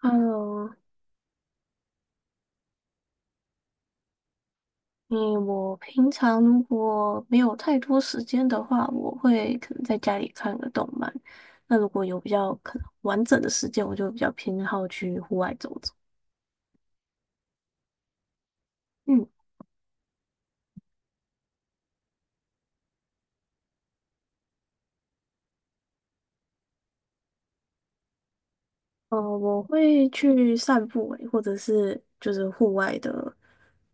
Hello，嗯，我平常如果没有太多时间的话，我会可能在家里看个动漫。那如果有比较可能完整的时间，我就比较偏好去户外走走。嗯，我会去散步诶，或者是就是户外的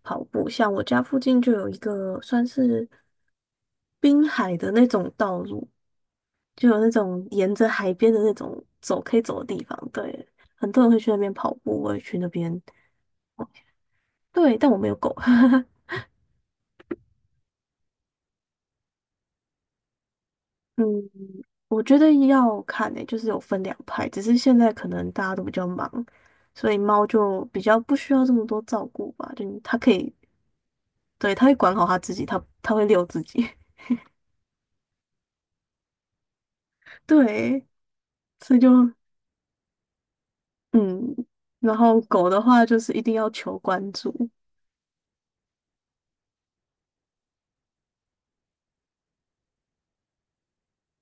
跑步。像我家附近就有一个算是滨海的那种道路，就有那种沿着海边的那种走可以走的地方。对，很多人会去那边跑步，我也去那边。对，但我没有狗。嗯，我觉得要看诶、就是有分两派，只是现在可能大家都比较忙，所以猫就比较不需要这么多照顾吧，就你它可以，对，它会管好它自己，它会遛自己。对，所以就嗯，然后狗的话就是一定要求关注。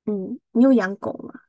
嗯，你有养狗吗？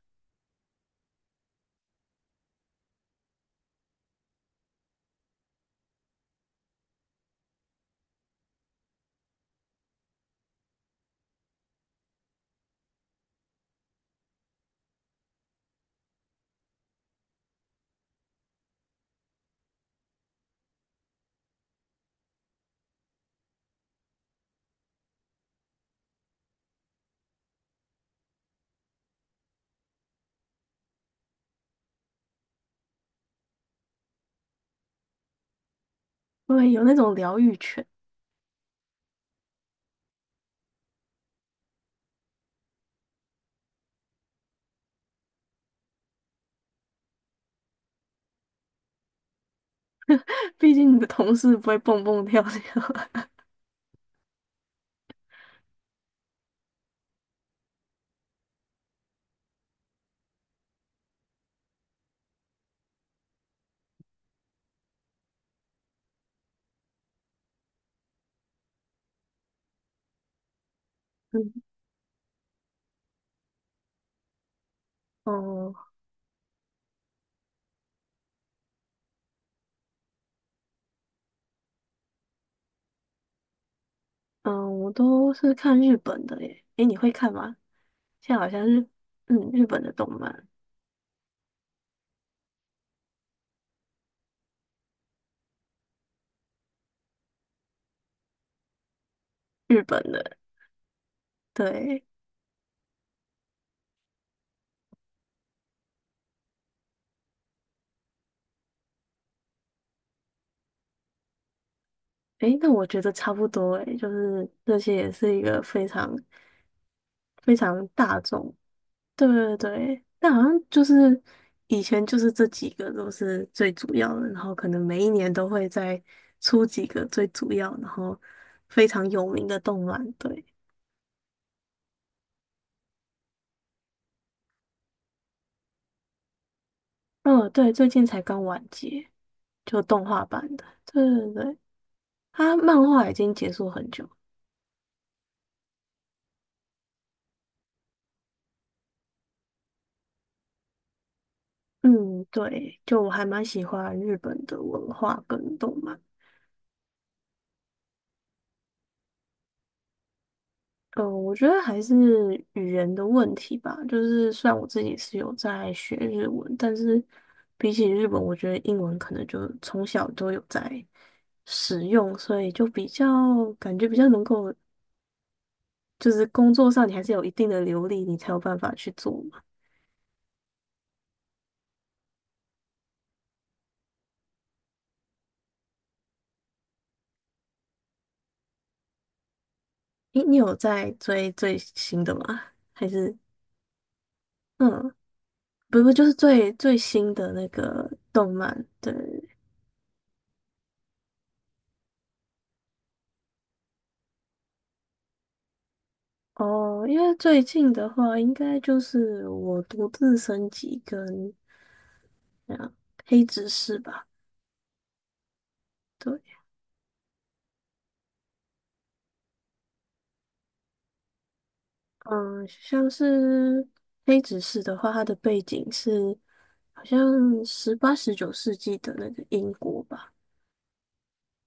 对，有那种疗愈犬。毕竟你的同事不会蹦蹦跳跳。嗯，哦，嗯，我都是看日本的耶，诶，你会看吗？现在好像是日本的动漫，日本的对，诶，那我觉得差不多诶，就是这些也是一个非常非常大众，对对对，但好像就是以前就是这几个都是最主要的，然后可能每一年都会再出几个最主要，然后非常有名的动漫，对，嗯对，最近才刚完结，就动画版的，对对对，它漫画已经结束很久。嗯，对，就我还蛮喜欢日本的文化跟动漫。嗯，我觉得还是语言的问题吧。就是虽然我自己是有在学日文，但是比起日本，我觉得英文可能就从小都有在使用，所以就比较感觉比较能够，就是工作上你还是有一定的流利，你才有办法去做嘛。诶，你有在追最新的吗？还是嗯，不不，就是最最新的那个动漫，对。哦，因为最近的话，应该就是我独自升级跟啊黑执事吧。对，嗯，像是黑执事的话，它的背景是好像18、19世纪的那个英国吧。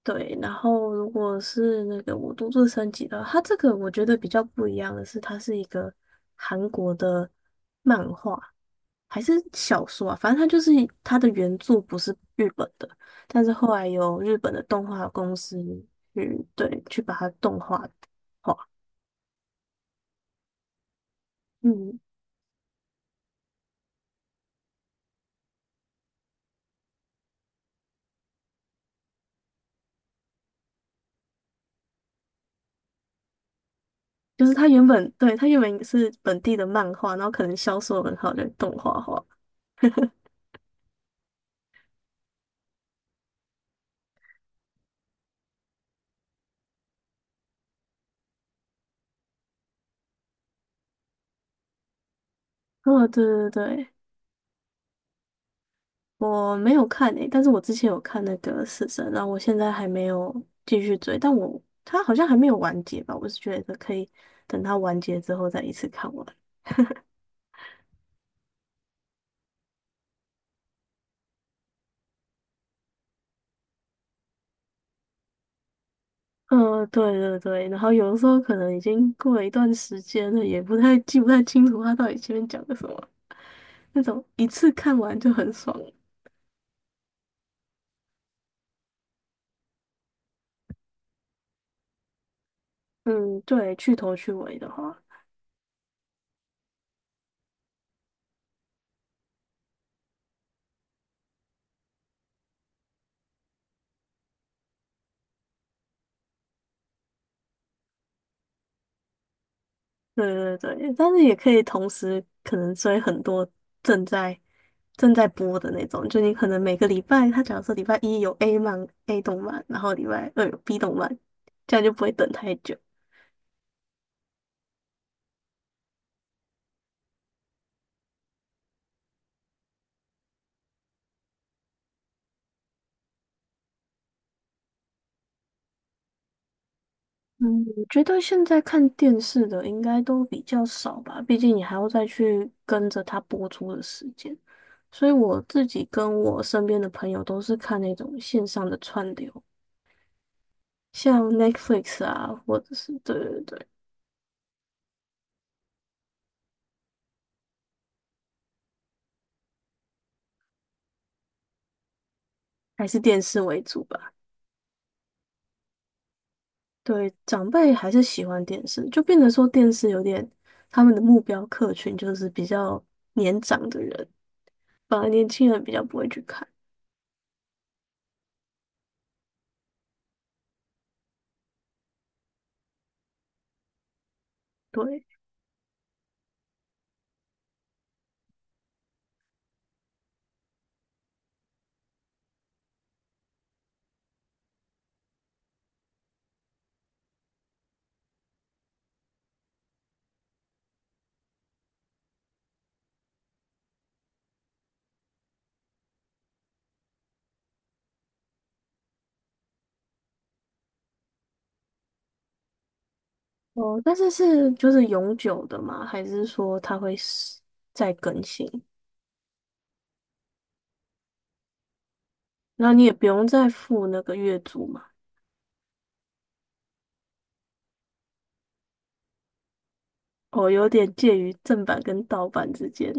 对，然后如果是那个我都自升级的话，它这个我觉得比较不一样的是，它是一个韩国的漫画还是小说啊，反正它就是它的原著不是日本的，但是后来有日本的动画公司去把它动画化，嗯，就是它原本是本地的漫画，然后可能销售很好就动画化，哦，对对对。我没有看诶、但是我之前有看那个《死神》，然后我现在还没有继续追，但他好像还没有完结吧，我是觉得可以等他完结之后再一次看完。嗯、对对对，然后有的时候可能已经过了一段时间了，也不太清楚他到底前面讲的什么，那种一次看完就很爽了。嗯，对，去头去尾的话。对对对，但是也可以同时可能追很多正在正在播的那种，就你可能每个礼拜，他假如说礼拜一有 A 动漫，然后礼拜二有 B 动漫，这样就不会等太久。嗯，我觉得现在看电视的应该都比较少吧，毕竟你还要再去跟着它播出的时间。所以我自己跟我身边的朋友都是看那种线上的串流，像 Netflix 啊，或者是对对对，还是电视为主吧。对，长辈还是喜欢电视，就变得说电视有点他们的目标客群就是比较年长的人，反而年轻人比较不会去看。对，哦，但是是就是永久的嘛，还是说它会是再更新？然后你也不用再付那个月租嘛？哦，有点介于正版跟盗版之间。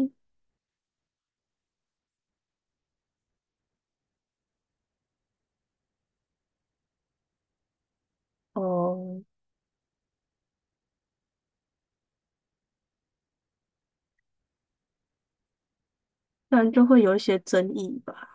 哦，不然就会有一些争议吧，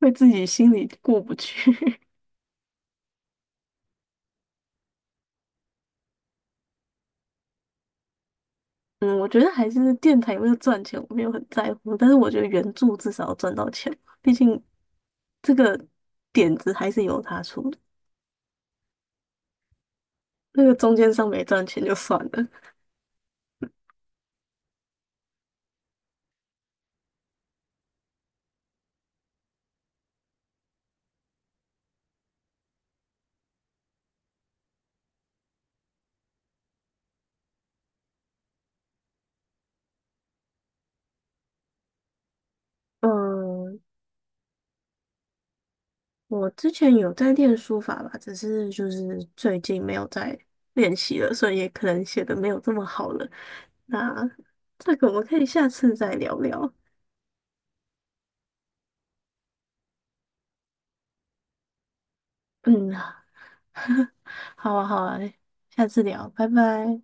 会自己心里过不去。嗯，我觉得还是电台有没有赚钱，我没有很在乎，但是我觉得原著至少要赚到钱，毕竟这个点子还是由他出的，那个中间商没赚钱就算了。嗯，我之前有在练书法吧，只是就是最近没有在练习了，所以也可能写的没有这么好了。那这个我们可以下次再聊聊。嗯，好啊，好啊，下次聊，拜拜。